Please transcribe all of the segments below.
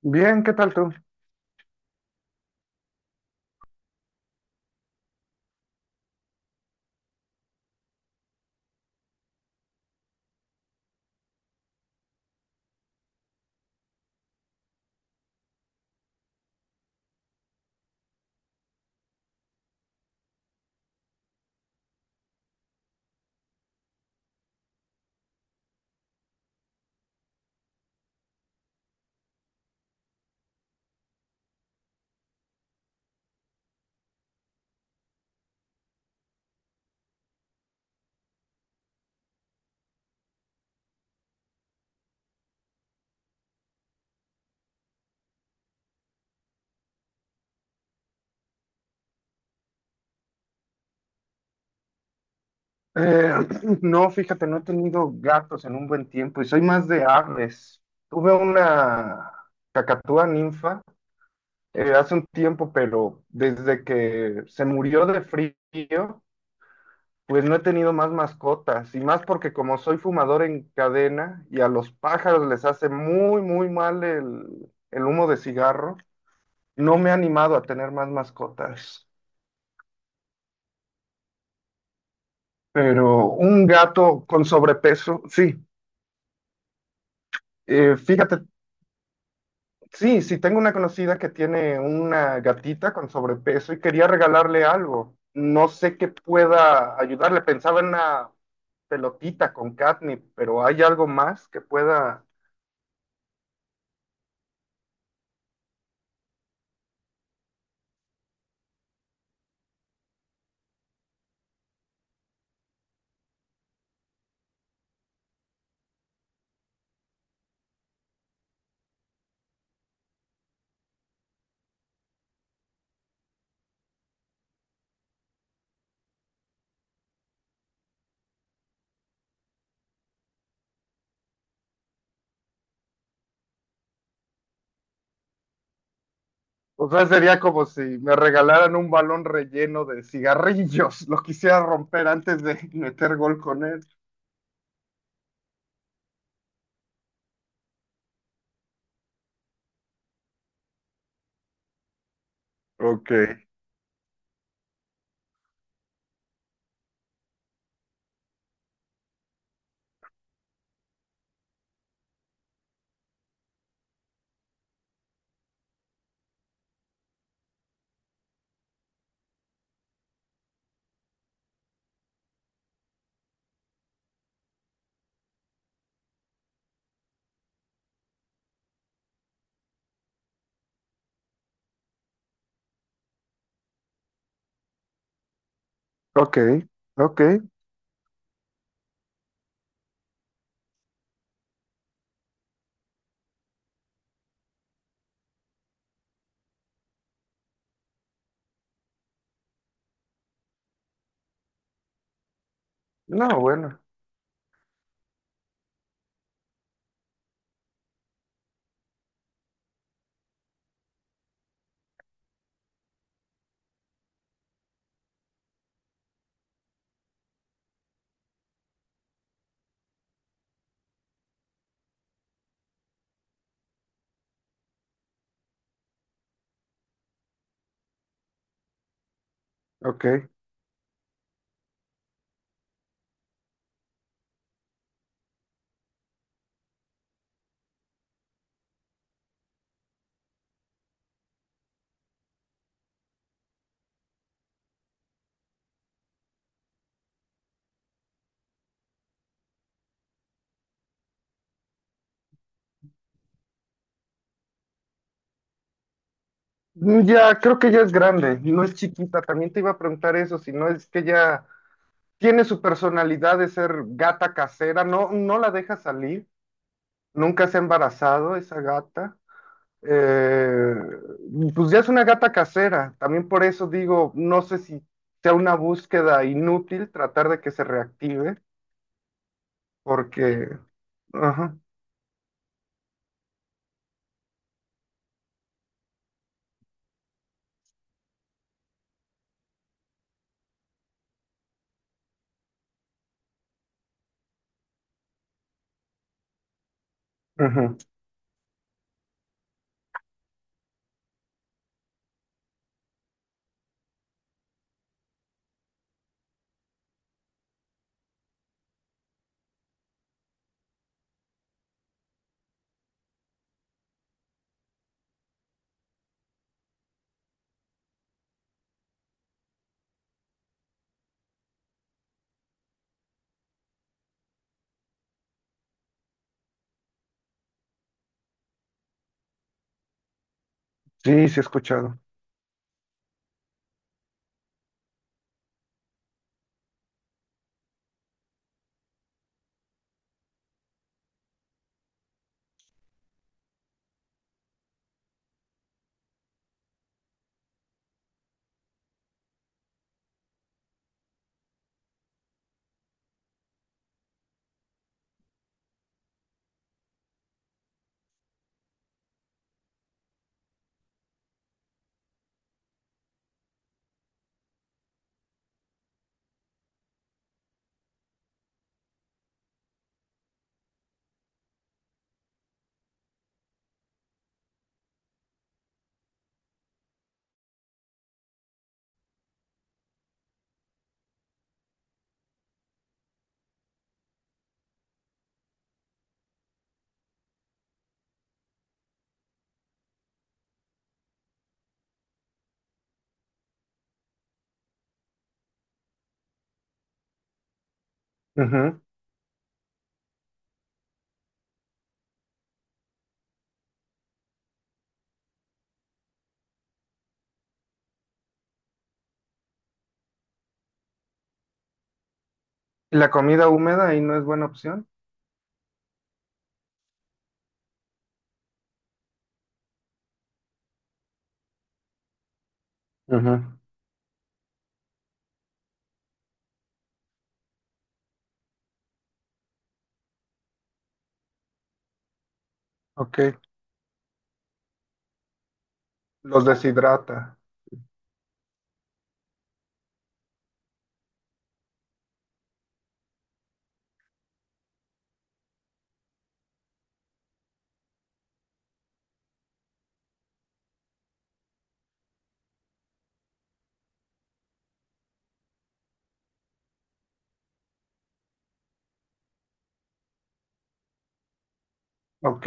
Bien, ¿qué tal tú? Eh, no, fíjate, no he tenido gatos en un buen tiempo y soy más de aves. Tuve una cacatúa ninfa hace un tiempo, pero desde que se murió de frío, pues no he tenido más mascotas. Y más porque como soy fumador en cadena y a los pájaros les hace muy, muy mal el humo de cigarro, no me he animado a tener más mascotas. Pero un gato con sobrepeso, sí. Fíjate, sí, sí, tengo una conocida que tiene una gatita con sobrepeso y quería regalarle algo. No sé qué pueda ayudarle. Pensaba en una pelotita con catnip, pero ¿hay algo más que pueda? O sea, sería como si me regalaran un balón relleno de cigarrillos. Lo quisiera romper antes de meter gol con él. Ok, ok, ok. No, bueno, ok. Ya, creo que ya es grande, no es chiquita. También te iba a preguntar eso, si no es que ya... tiene su personalidad de ser gata casera, no, no la deja salir, nunca se ha embarazado esa gata. Eh, pues ya es una gata casera, también por eso digo, no sé si sea una búsqueda inútil tratar de que se reactive, porque, ajá, ujú, sí, sí he escuchado. Ujú. ¿Y la comida húmeda ahí no es buena opción? Ujú, ok, los deshidrata, ok,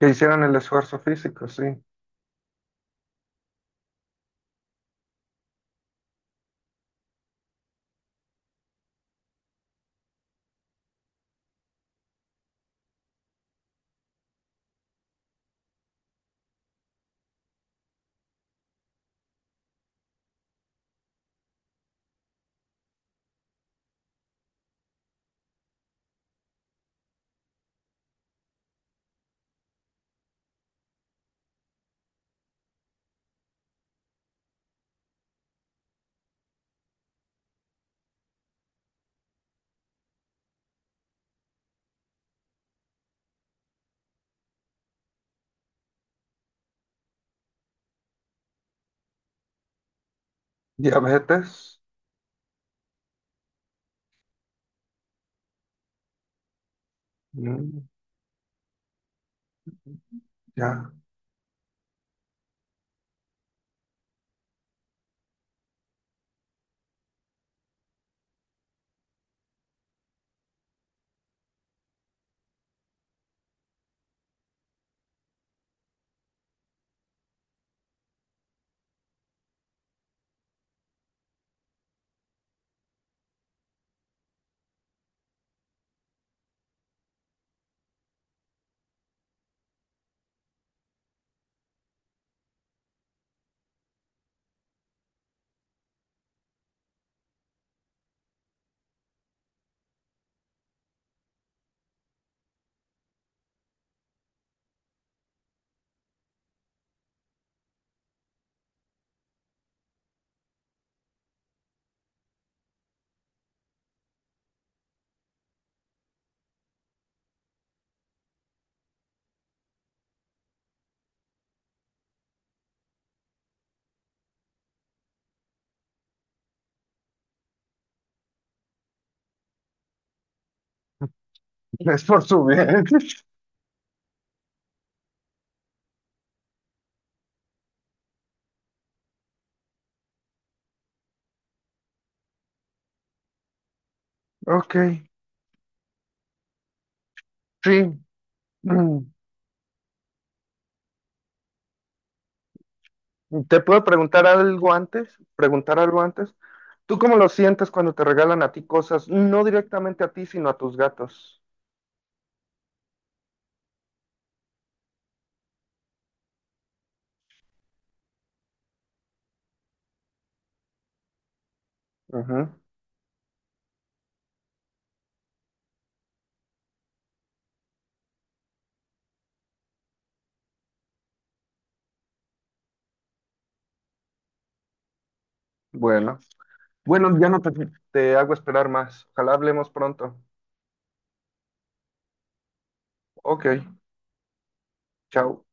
que hicieran el esfuerzo físico, sí. Diabetes, mm, ya. Es por su bien. Ok, sí. Mm. ¿Te puedo preguntar algo antes? Preguntar algo antes. ¿Tú cómo lo sientes cuando te regalan a ti cosas? No directamente a ti, sino a tus gatos. Ujú, bueno. Bueno, ya no te, te hago esperar más. Ojalá hablemos pronto. Ok, chao.